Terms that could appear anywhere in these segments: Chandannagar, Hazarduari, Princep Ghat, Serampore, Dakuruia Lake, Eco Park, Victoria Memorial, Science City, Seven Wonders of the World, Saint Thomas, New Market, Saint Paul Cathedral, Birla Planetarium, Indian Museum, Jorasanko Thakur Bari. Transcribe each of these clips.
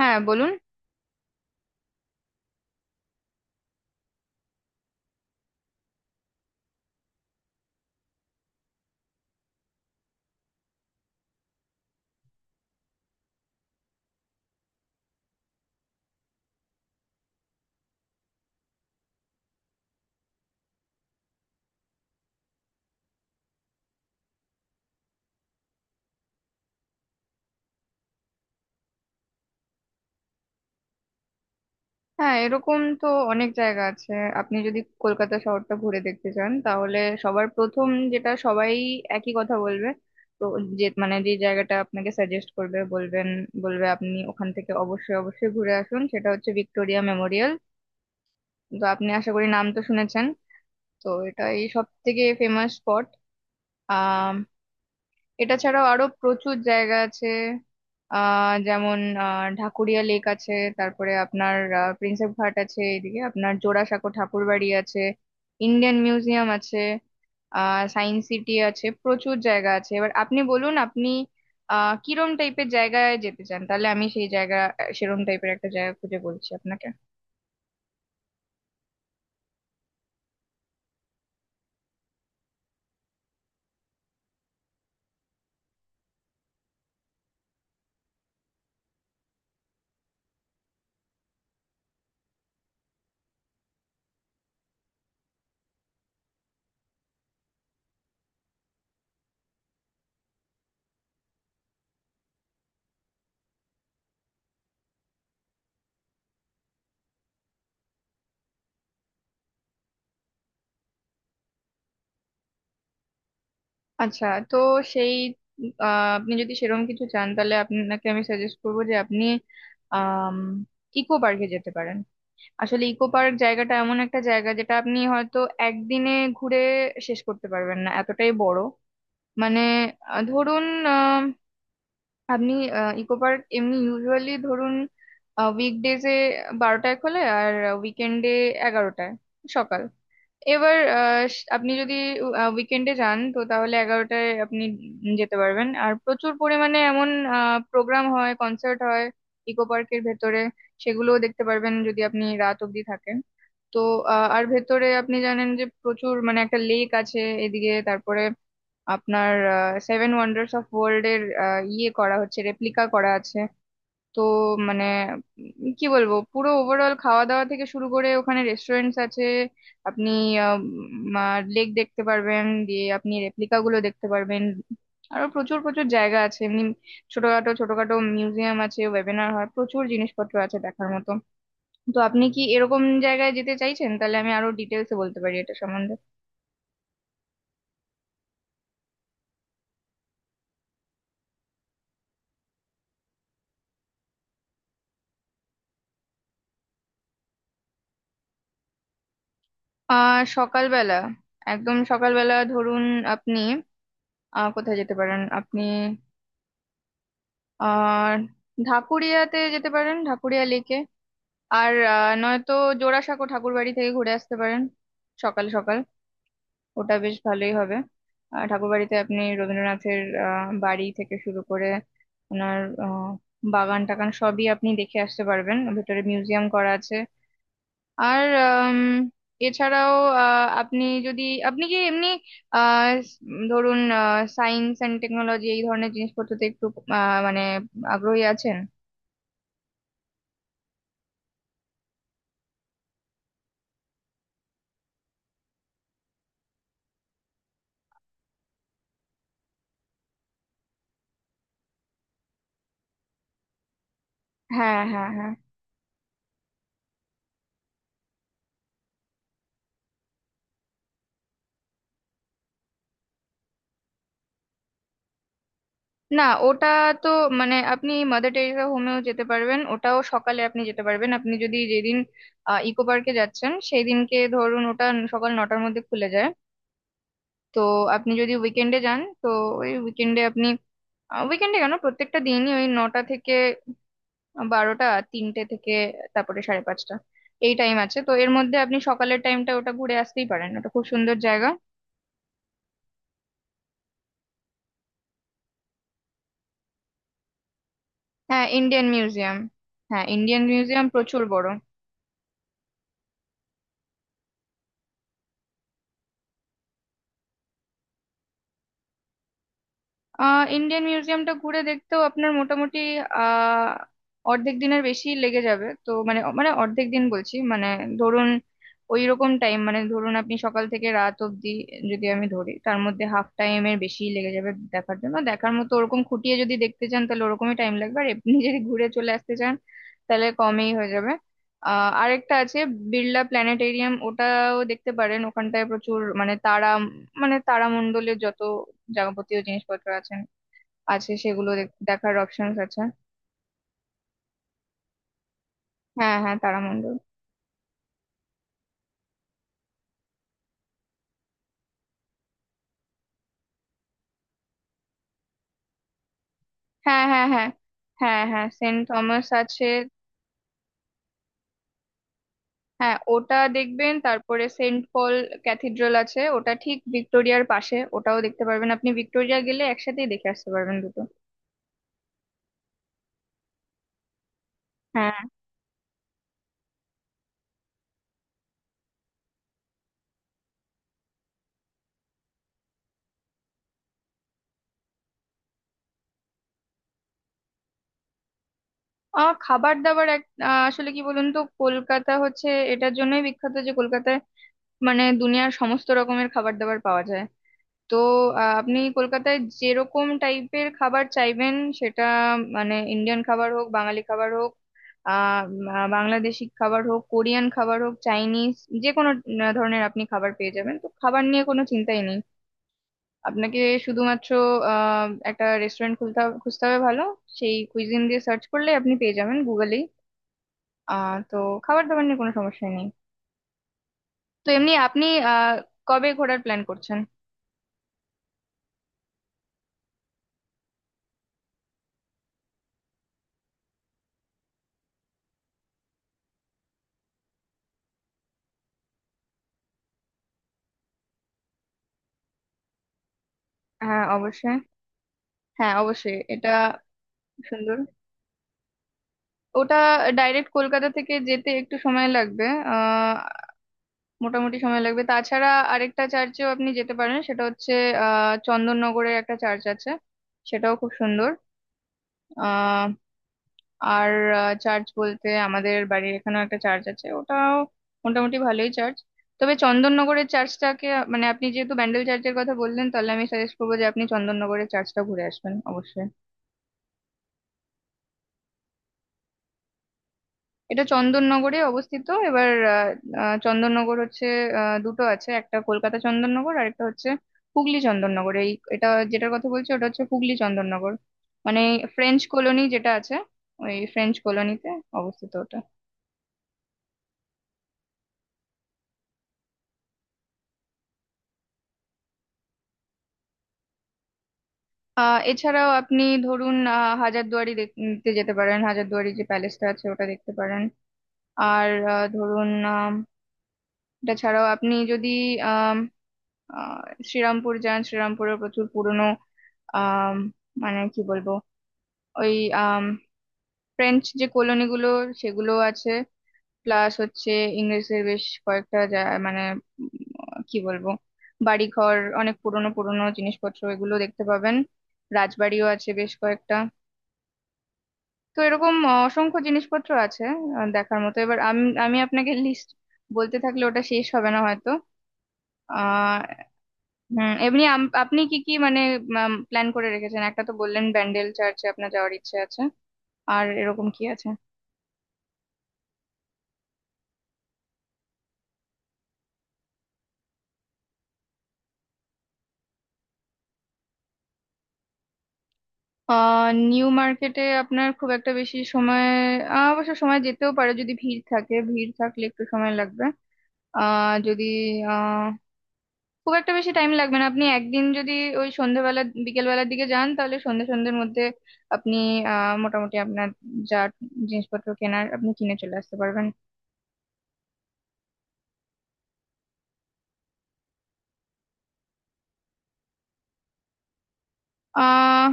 হ্যাঁ বলুন। হ্যাঁ, এরকম তো অনেক জায়গা আছে। আপনি যদি কলকাতা শহরটা ঘুরে দেখতে চান, তাহলে সবার প্রথম যেটা সবাই একই কথা বলবে, তো যে জায়গাটা আপনাকে সাজেস্ট করবে, বলবে আপনি ওখান থেকে অবশ্যই অবশ্যই ঘুরে আসুন, সেটা হচ্ছে ভিক্টোরিয়া মেমোরিয়াল। তো আপনি আশা করি নাম তো শুনেছেন। তো এটাই সব থেকে ফেমাস স্পট। এটা ছাড়াও আরো প্রচুর জায়গা আছে। যেমন ঢাকুরিয়া লেক আছে। তারপরে আপনার প্রিন্সেপ ঘাট আছে, এদিকে আপনার জোড়াসাঁকো ঠাকুর বাড়ি আছে, ইন্ডিয়ান মিউজিয়াম আছে, সায়েন্স সিটি আছে, প্রচুর জায়গা আছে। এবার আপনি বলুন, আপনি কিরম টাইপের জায়গায় যেতে চান, তাহলে আমি সেই জায়গা সেরম টাইপের একটা জায়গা খুঁজে বলছি আপনাকে। আচ্ছা। তো সেই আপনি যদি সেরম কিছু চান, তাহলে আপনাকে আমি সাজেস্ট করবো যে আপনি আহ ইকো পার্কে যেতে পারেন। আসলে ইকো পার্ক জায়গাটা এমন একটা জায়গা যেটা আপনি হয়তো একদিনে ঘুরে শেষ করতে পারবেন না, এতটাই বড়। মানে ধরুন, আহ, আপনি ইকো পার্ক এমনি ইউজুয়ালি, ধরুন, উইকডেজে 12টায় খোলে আর উইকেন্ডে 11টায়, সকাল। এবার আপনি যদি উইকেন্ডে যান তো, তাহলে 11টায় আপনি যেতে পারবেন। আর প্রচুর পরিমাণে এমন প্রোগ্রাম হয়, কনসার্ট হয় ইকো পার্কের ভেতরে, সেগুলোও দেখতে পারবেন যদি আপনি রাত অবধি থাকেন। তো আর ভেতরে আপনি জানেন যে প্রচুর, মানে একটা লেক আছে এদিকে, তারপরে আপনার সেভেন ওয়ান্ডার্স অফ ওয়ার্ল্ড এর ইয়ে করা হচ্ছে, রেপ্লিকা করা আছে। তো মানে কি বলবো, পুরো ওভারঅল, খাওয়া দাওয়া থেকে শুরু করে ওখানে রেস্টুরেন্টস আছে, আপনি লেক দেখতে পারবেন, দিয়ে আপনি রেপ্লিকা গুলো দেখতে পারবেন। আরো প্রচুর প্রচুর জায়গা আছে এমনি, ছোটখাটো ছোটখাটো মিউজিয়াম আছে, ওয়েবিনার হয়, প্রচুর জিনিসপত্র আছে দেখার মতো। তো আপনি কি এরকম জায়গায় যেতে চাইছেন? তাহলে আমি আরো ডিটেলসে বলতে পারি এটা সম্বন্ধে। সকালবেলা, একদম সকালবেলা ধরুন, আপনি কোথায় যেতে পারেন আপনি? আর ঢাকুরিয়াতে যেতে পারেন, ঢাকুরিয়া লেকে। আর নয়তো জোড়াসাঁকো ঠাকুরবাড়ি থেকে ঘুরে আসতে পারেন সকাল সকাল, ওটা বেশ ভালোই হবে। আর ঠাকুরবাড়িতে আপনি রবীন্দ্রনাথের বাড়ি থেকে শুরু করে ওনার আহ, বাগান টাগান সবই আপনি দেখে আসতে পারবেন, ভেতরে মিউজিয়াম করা আছে। আর এছাড়াও আপনি যদি, আপনি কি এমনি আহ স- ধরুন, সায়েন্স অ্যান্ড টেকনোলজি এই ধরনের জিনিসপত্রতে একটু মানে আগ্রহী আছেন? হ্যাঁ, হ্যাঁ, হ্যাঁ। না, ওটা তো, মানে আপনি মাদার টেরেসা হোমেও যেতে পারবেন, ওটাও সকালে আপনি যেতে পারবেন। আপনি যদি যেদিন ইকো পার্কে যাচ্ছেন সেই দিনকে, ধরুন, ওটা সকাল 9টার মধ্যে খুলে যায়। তো আপনি যদি উইকেন্ডে যান তো, ওই উইকেন্ডে আপনি উইকেন্ডে কেন, প্রত্যেকটা দিনই ওই 9টা থেকে 12টা, 3টে থেকে তারপরে 5:30, এই টাইম আছে। তো এর মধ্যে আপনি সকালের টাইমটা ওটা ঘুরে আসতেই পারেন, ওটা খুব সুন্দর জায়গা। হ্যাঁ, ইন্ডিয়ান মিউজিয়াম। হ্যাঁ, ইন্ডিয়ান মিউজিয়াম প্রচুর বড়। ইন্ডিয়ান মিউজিয়ামটা ঘুরে দেখতেও আপনার মোটামুটি আহ অর্ধেক দিনের বেশি লেগে যাবে। তো মানে, অর্ধেক দিন বলছি মানে, ধরুন ওই রকম টাইম, মানে ধরুন আপনি সকাল থেকে রাত অবধি যদি আমি ধরি, তার মধ্যে হাফ টাইম এর বেশি লেগে যাবে দেখার জন্য। দেখার মতো ওরকম খুঁটিয়ে যদি দেখতে চান তাহলে ওরকমই টাইম লাগবে, আর এমনি যদি ঘুরে চলে আসতে চান তাহলে কমই হয়ে যাবে। আরেকটা আছে, বিড়লা প্ল্যানেটেরিয়াম, ওটাও দেখতে পারেন। ওখানটায় প্রচুর, মানে তারামণ্ডলের যত যাবতীয় জিনিসপত্র আছে আছে, সেগুলো দেখার অপশনস আছে। হ্যাঁ, হ্যাঁ, তারামণ্ডল। হ্যাঁ, হ্যাঁ, হ্যাঁ। হ্যাঁ, হ্যাঁ, সেন্ট থমাস আছে। হ্যাঁ, ওটা দেখবেন। তারপরে সেন্ট পল ক্যাথিড্রাল আছে, ওটা ঠিক ভিক্টোরিয়ার পাশে, ওটাও দেখতে পারবেন। আপনি ভিক্টোরিয়া গেলে একসাথেই দেখে আসতে পারবেন দুটো। হ্যাঁ। খাবার দাবার আসলে কি বলুন তো, কলকাতা হচ্ছে এটার জন্যই বিখ্যাত যে কলকাতায় মানে দুনিয়ার সমস্ত রকমের খাবার দাবার পাওয়া যায়। তো আপনি কলকাতায় যেরকম টাইপের খাবার চাইবেন, সেটা, মানে ইন্ডিয়ান খাবার হোক, বাঙালি খাবার হোক, বাংলাদেশি খাবার হোক, কোরিয়ান খাবার হোক, চাইনিজ, যে কোনো ধরনের আপনি খাবার পেয়ে যাবেন। তো খাবার নিয়ে কোনো চিন্তাই নেই, আপনাকে শুধুমাত্র একটা রেস্টুরেন্ট খুঁজতে হবে ভালো, সেই কুইজিন দিয়ে সার্চ করলে আপনি পেয়ে যাবেন গুগলেই। তো খাবার দাবার নিয়ে কোনো সমস্যা নেই। তো এমনি আপনি আহ কবে ঘোরার প্ল্যান করছেন? হ্যাঁ, অবশ্যই। হ্যাঁ, অবশ্যই, এটা সুন্দর। ওটা ডাইরেক্ট কলকাতা থেকে যেতে একটু সময় লাগবে, আহ মোটামুটি সময় লাগবে। তাছাড়া আরেকটা চার্চেও আপনি যেতে পারেন, সেটা হচ্ছে চন্দননগরে একটা চার্চ আছে, সেটাও খুব সুন্দর। আহ আর চার্চ বলতে আমাদের বাড়ির এখানেও একটা চার্চ আছে, ওটাও মোটামুটি ভালোই চার্চ। তবে চন্দননগরের চার্চটাকে, মানে আপনি যেহেতু ব্যান্ডেল চার্চের কথা বললেন, তাহলে আমি সাজেস্ট করবো যে আপনি চন্দননগরের চার্চটা ঘুরে আসবেন অবশ্যই। এটা চন্দননগরে অবস্থিত। এবার আহ, আহ, চন্দননগর হচ্ছে, দুটো আছে, একটা কলকাতা চন্দননগর আর একটা হচ্ছে হুগলি চন্দননগর। এটা যেটার কথা বলছি ওটা হচ্ছে হুগলি চন্দননগর, মানে ফ্রেঞ্চ কলোনি যেটা আছে, ওই ফ্রেঞ্চ কলোনিতে অবস্থিত ওটা। এছাড়াও আপনি, ধরুন, হাজারদুয়ারি দেখতে যেতে পারেন, হাজারদুয়ারি যে প্যালেসটা আছে ওটা দেখতে পারেন। আর ধরুন, আম, এটা ছাড়াও আপনি যদি আম, আহ, শ্রীরামপুর যান, শ্রীরামপুরে প্রচুর পুরনো আহ মানে কি বলবো, ওই আম, ফ্রেঞ্চ যে কলোনি গুলো সেগুলো আছে, প্লাস হচ্ছে ইংরেজদের বেশ কয়েকটা মানে উম, কি বলবো, বাড়িঘর, অনেক পুরনো পুরনো জিনিসপত্র, এগুলো দেখতে পাবেন। রাজবাড়িও আছে বেশ কয়েকটা। তো এরকম অসংখ্য জিনিসপত্র আছে দেখার মতো। এবার আমি আমি আপনাকে লিস্ট বলতে থাকলে ওটা শেষ হবে না হয়তো। আহ হুম। এমনি আপনি কি কি মানে প্ল্যান করে রেখেছেন? একটা তো বললেন ব্যান্ডেল চার্চে আপনার যাওয়ার ইচ্ছে আছে, আর এরকম কি আছে? নিউ মার্কেটে আপনার খুব একটা বেশি সময়, অবশ্য সময় যেতেও পারে যদি ভিড় থাকে, ভিড় থাকলে একটু সময় লাগবে। আহ যদি আহ খুব একটা বেশি টাইম লাগবে না। আপনি একদিন যদি ওই সন্ধ্যেবেলা বিকেলবেলার দিকে যান, তাহলে সন্ধ্যের মধ্যে আপনি মোটামুটি আপনার যা জিনিসপত্র কেনার, আপনি কিনে চলে আসতে পারবেন। আহ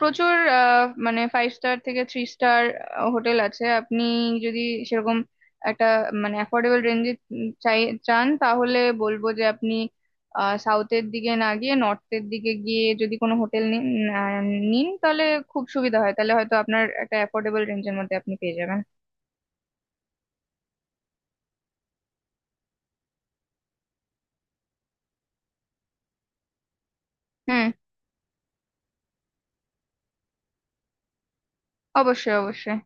প্রচুর, মানে ফাইভ স্টার থেকে থ্রি স্টার হোটেল আছে। আপনি যদি সেরকম একটা, মানে অ্যাফোর্ডেবল রেঞ্জে চাই চান, তাহলে বলবো যে আপনি সাউথের দিকে না গিয়ে নর্থের দিকে গিয়ে যদি কোনো হোটেল নিন, আহ, নিন, তাহলে খুব সুবিধা হয়, তাহলে হয়তো আপনার একটা অ্যাফোর্ডেবল রেঞ্জের মধ্যে আপনি পেয়ে যাবেন। হুম। অবশ্যই, অবশ্যই।